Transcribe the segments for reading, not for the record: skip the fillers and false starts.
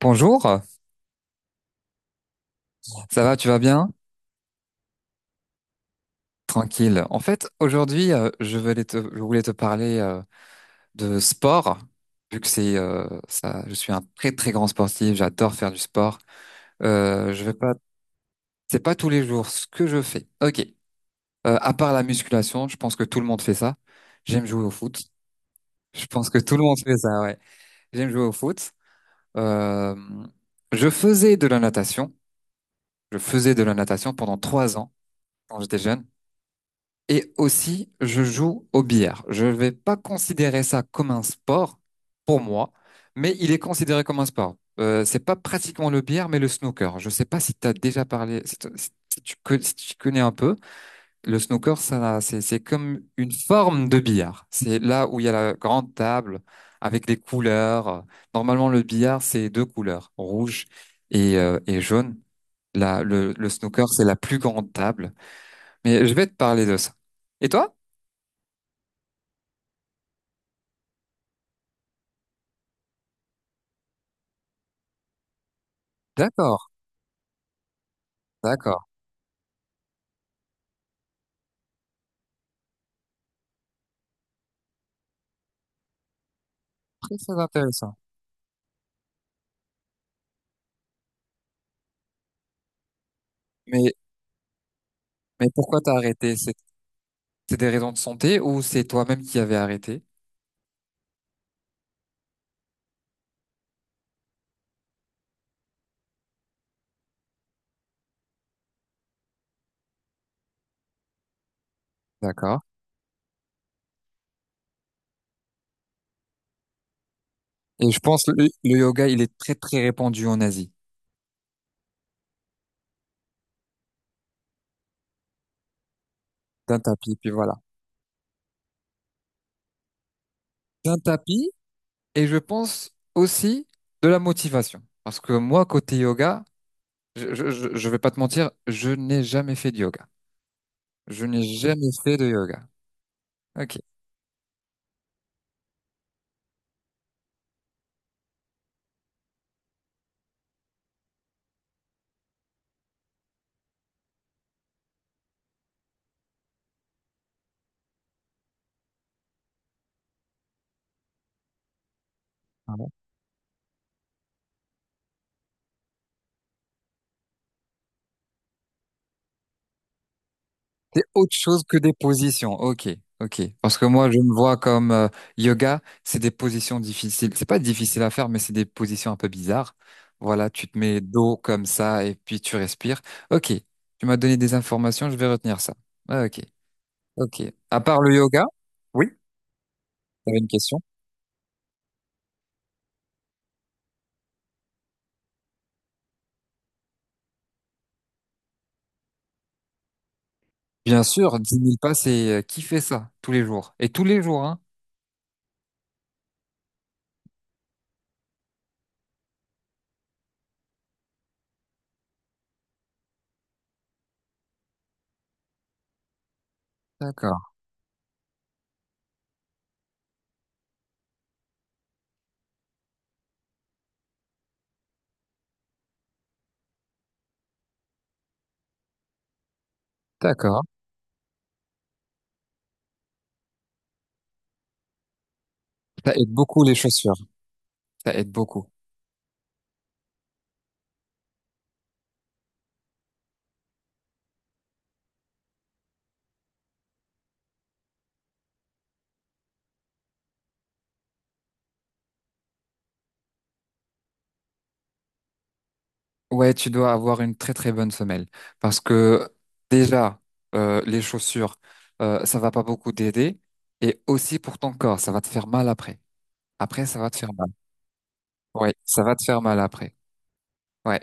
Bonjour, ça va, tu vas bien? Tranquille. En fait, aujourd'hui, je voulais te parler de sport, vu que c'est ça, je suis un très très grand sportif, j'adore faire du sport. Je vais pas, c'est pas tous les jours ce que je fais. Ok. À part la musculation, je pense que tout le monde fait ça. J'aime jouer au foot. Je pense que tout le monde fait ça, ouais. J'aime jouer au foot. Euh, je faisais de la natation. Je faisais de la natation pendant 3 ans quand j'étais jeune. Et aussi, je joue au billard. Je ne vais pas considérer ça comme un sport pour moi, mais il est considéré comme un sport. C'est pas pratiquement le billard, mais le snooker. Je ne sais pas si tu as déjà parlé, si, t- si si tu, co- si tu connais un peu. Le snooker, ça, c'est, comme une forme de billard. C'est là où il y a la grande table avec les couleurs. Normalement, le billard, c'est deux couleurs, rouge et jaune. Là, le snooker, c'est la plus grande table. Mais je vais te parler de ça. Et toi? D'accord, d'accord. Très, très intéressant. Mais, mais pourquoi t'as arrêté? C'est des raisons de santé ou c'est toi-même qui avais arrêté? D'accord. Et je pense le yoga, il est très, très répandu en Asie. D'un tapis, puis voilà. D'un tapis, et je pense aussi de la motivation. Parce que moi, côté yoga, je vais pas te mentir, je n'ai jamais fait de yoga. Je n'ai jamais fait de yoga. Ok. C'est autre chose que des positions. Ok, ok. Parce que moi, je me vois comme yoga, c'est des positions difficiles. C'est pas difficile à faire, mais c'est des positions un peu bizarres. Voilà, tu te mets dos comme ça et puis tu respires. Ok, tu m'as donné des informations, je vais retenir ça. Ah, ok, ok. À part le yoga, oui, t'avais une question. Bien sûr, 10 000 pas, c'est qui fait ça tous les jours? Et tous les jours, hein? D'accord, d'accord. Ça aide beaucoup les chaussures. Ça aide beaucoup. Ouais, tu dois avoir une très très bonne semelle parce que déjà les chaussures ça va pas beaucoup t'aider et aussi pour ton corps ça va te faire mal après. Après ça va te faire mal. Ouais, ça va te faire mal après. Ouais.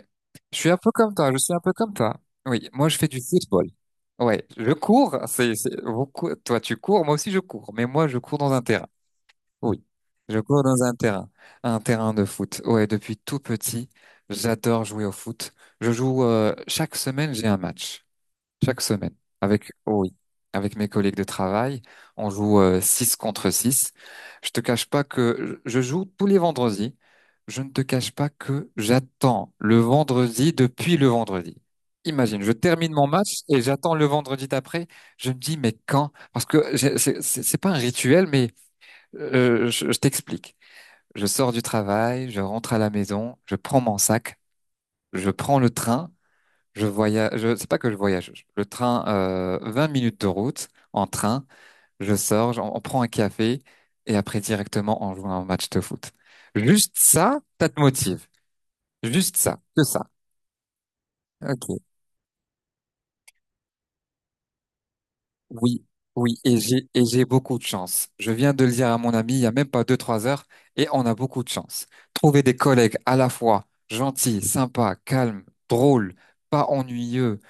Je suis un peu comme toi, je suis un peu comme toi. Oui, moi je fais du football. Ouais, je cours, toi tu cours, moi aussi je cours, mais moi je cours dans un terrain. Oui, je cours dans un terrain de foot. Ouais, depuis tout petit, j'adore jouer au foot. Je joue chaque semaine, j'ai un match. Chaque semaine, avec oui, avec mes collègues de travail, on joue 6 contre 6. Je te cache pas que je joue tous les vendredis. Je ne te cache pas que j'attends le vendredi depuis le vendredi. Imagine, je termine mon match et j'attends le vendredi d'après. Je me dis, mais quand? Parce que c'est pas un rituel, mais je t'explique. Je sors du travail, je rentre à la maison, je prends mon sac, je prends le train, je voyage. C'est pas que je voyage. Le train, 20 minutes de route en train. Je sors, on prend un café et après directement on joue à un match de foot. Juste ça, ça te motive. Juste ça, que ça. Ok. Oui, oui, et j'ai beaucoup de chance. Je viens de le dire à mon ami il y a même pas 2, 3 heures, et on a beaucoup de chance. Trouver des collègues à la fois gentils, sympas, calmes, drôles, pas ennuyeux,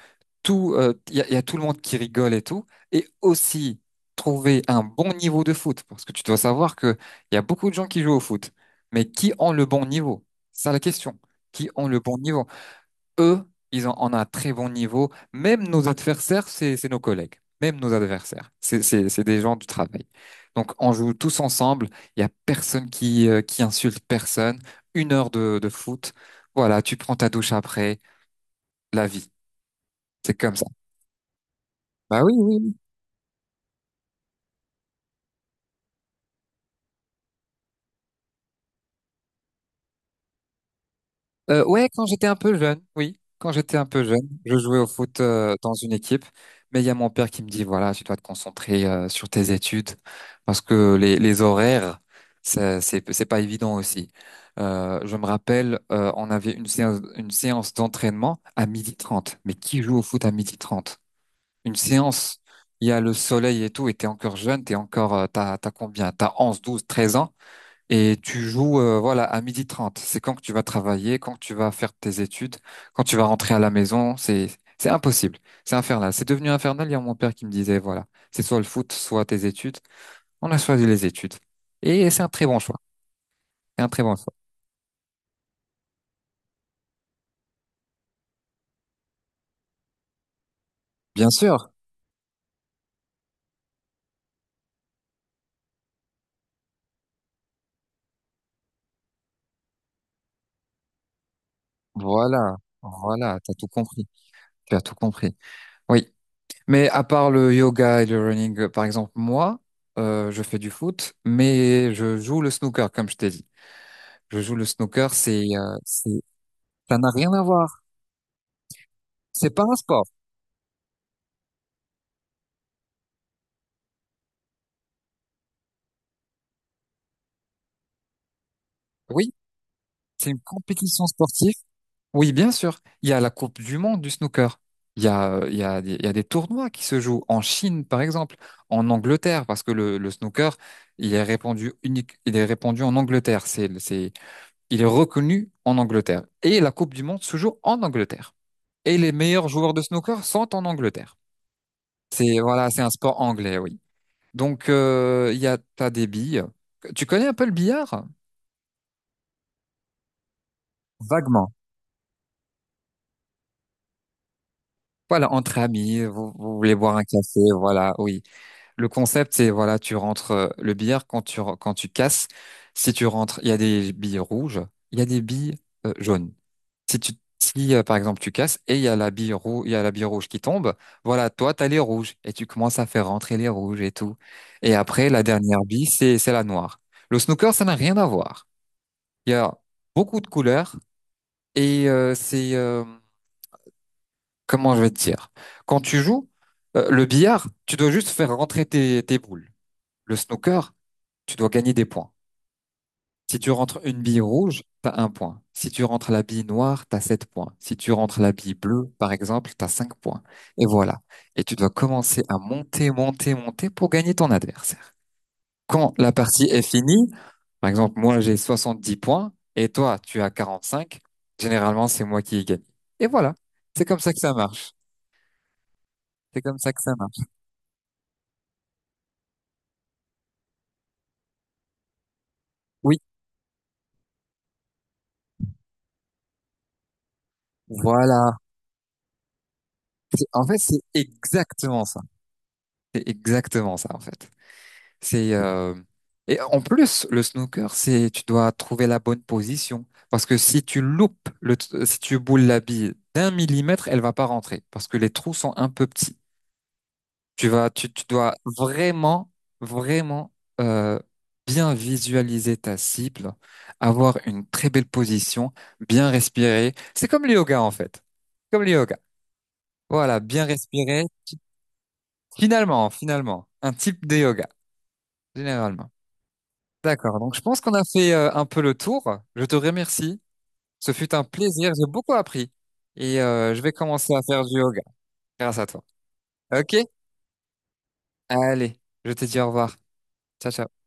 tout, il y a tout le monde qui rigole et tout, et aussi trouver un bon niveau de foot, parce que tu dois savoir que il y a beaucoup de gens qui jouent au foot, mais qui ont le bon niveau? C'est ça la question. Qui ont le bon niveau? Eux, on a un très bon niveau. Même nos adversaires, c'est nos collègues. Même nos adversaires, c'est des gens du travail. Donc, on joue tous ensemble. Il y a personne qui insulte personne. 1 heure de foot. Voilà, tu prends ta douche après. La vie, c'est comme ça. Bah oui, oui. Ouais, quand j'étais un peu jeune, oui, quand j'étais un peu jeune, je jouais au foot dans une équipe, mais il y a mon père qui me dit, voilà, tu dois te concentrer sur tes études parce que les horaires, ça, c'est pas évident aussi. Je me rappelle, on avait une séance d'entraînement à 12h30. Mais qui joue au foot à 12h30? Une séance, il y a le soleil et tout, et t'es encore jeune, t'as combien? T'as 11, 12, 13 ans. Et tu joues voilà à 12h30. C'est quand que tu vas travailler, quand tu vas faire tes études, quand tu vas rentrer à la maison, c'est impossible. C'est infernal. C'est devenu infernal. Il y a mon père qui me disait voilà, c'est soit le foot, soit tes études. On a choisi les études. Et c'est un très bon choix. C'est un très bon choix. Bien sûr. Voilà. Voilà, t'as tout compris. Tu as tout compris. Oui. Mais à part le yoga et le running, par exemple, moi, je fais du foot, mais je joue le snooker, comme je t'ai dit. Je joue le snooker, c'est Ça n'a rien à voir. C'est pas un sport. Oui, c'est une compétition sportive. Oui, bien sûr. Il y a la Coupe du Monde du snooker. Il y a, des- il y a des tournois qui se jouent en Chine, par exemple, en Angleterre, parce que le snooker, il est répandu en Angleterre. Il est reconnu en Angleterre. Et la Coupe du Monde se joue en Angleterre. Et les meilleurs joueurs de snooker sont en Angleterre. Voilà, c'est un sport anglais, oui. Donc, t'as des billes. Tu connais un peu le billard? Vaguement. Voilà, entre amis, vous voulez boire un café, voilà, oui. Le concept, c'est, voilà, tu rentres le billard quand quand tu casses. Si tu rentres, il y a des billes rouges, il y a des billes jaunes. Si tu, si, Par exemple, tu casses et il y a la bille rouge, il y a la bille rouge qui tombe, voilà, toi, t'as les rouges et tu commences à faire rentrer les rouges et tout. Et après, la dernière bille, c'est la noire. Le snooker, ça n'a rien à voir. Il y a beaucoup de couleurs et comment je vais te dire? Quand tu joues, le billard, tu dois juste faire rentrer tes boules. Le snooker, tu dois gagner des points. Si tu rentres une bille rouge, t'as 1 point. Si tu rentres la bille noire, t'as 7 points. Si tu rentres la bille bleue, par exemple, t'as 5 points. Et voilà. Et tu dois commencer à monter, monter, monter pour gagner ton adversaire. Quand la partie est finie, par exemple, moi j'ai 70 points et toi tu as 45. Généralement c'est moi qui ai gagné. Et voilà. C'est comme ça que ça marche. C'est comme ça que ça marche. Oui, voilà. En fait, c'est exactement ça. C'est exactement ça, en fait. C'est Et en plus, le snooker, c'est tu dois trouver la bonne position parce que si tu loupes le, t- si tu boules la bille d'1 millimètre, elle va pas rentrer parce que les trous sont un peu petits. Tu dois vraiment, vraiment euh, bien visualiser ta cible, avoir une très belle position, bien respirer. C'est comme le yoga, en fait. Comme le yoga. Voilà, bien respirer. Finalement, un type de yoga, généralement. D'accord, donc je pense qu'on a fait un peu le tour. Je te remercie. Ce fut un plaisir, j'ai beaucoup appris. Et je vais commencer à faire du yoga grâce à toi. Ok? Allez, je te dis au revoir. Ciao, ciao.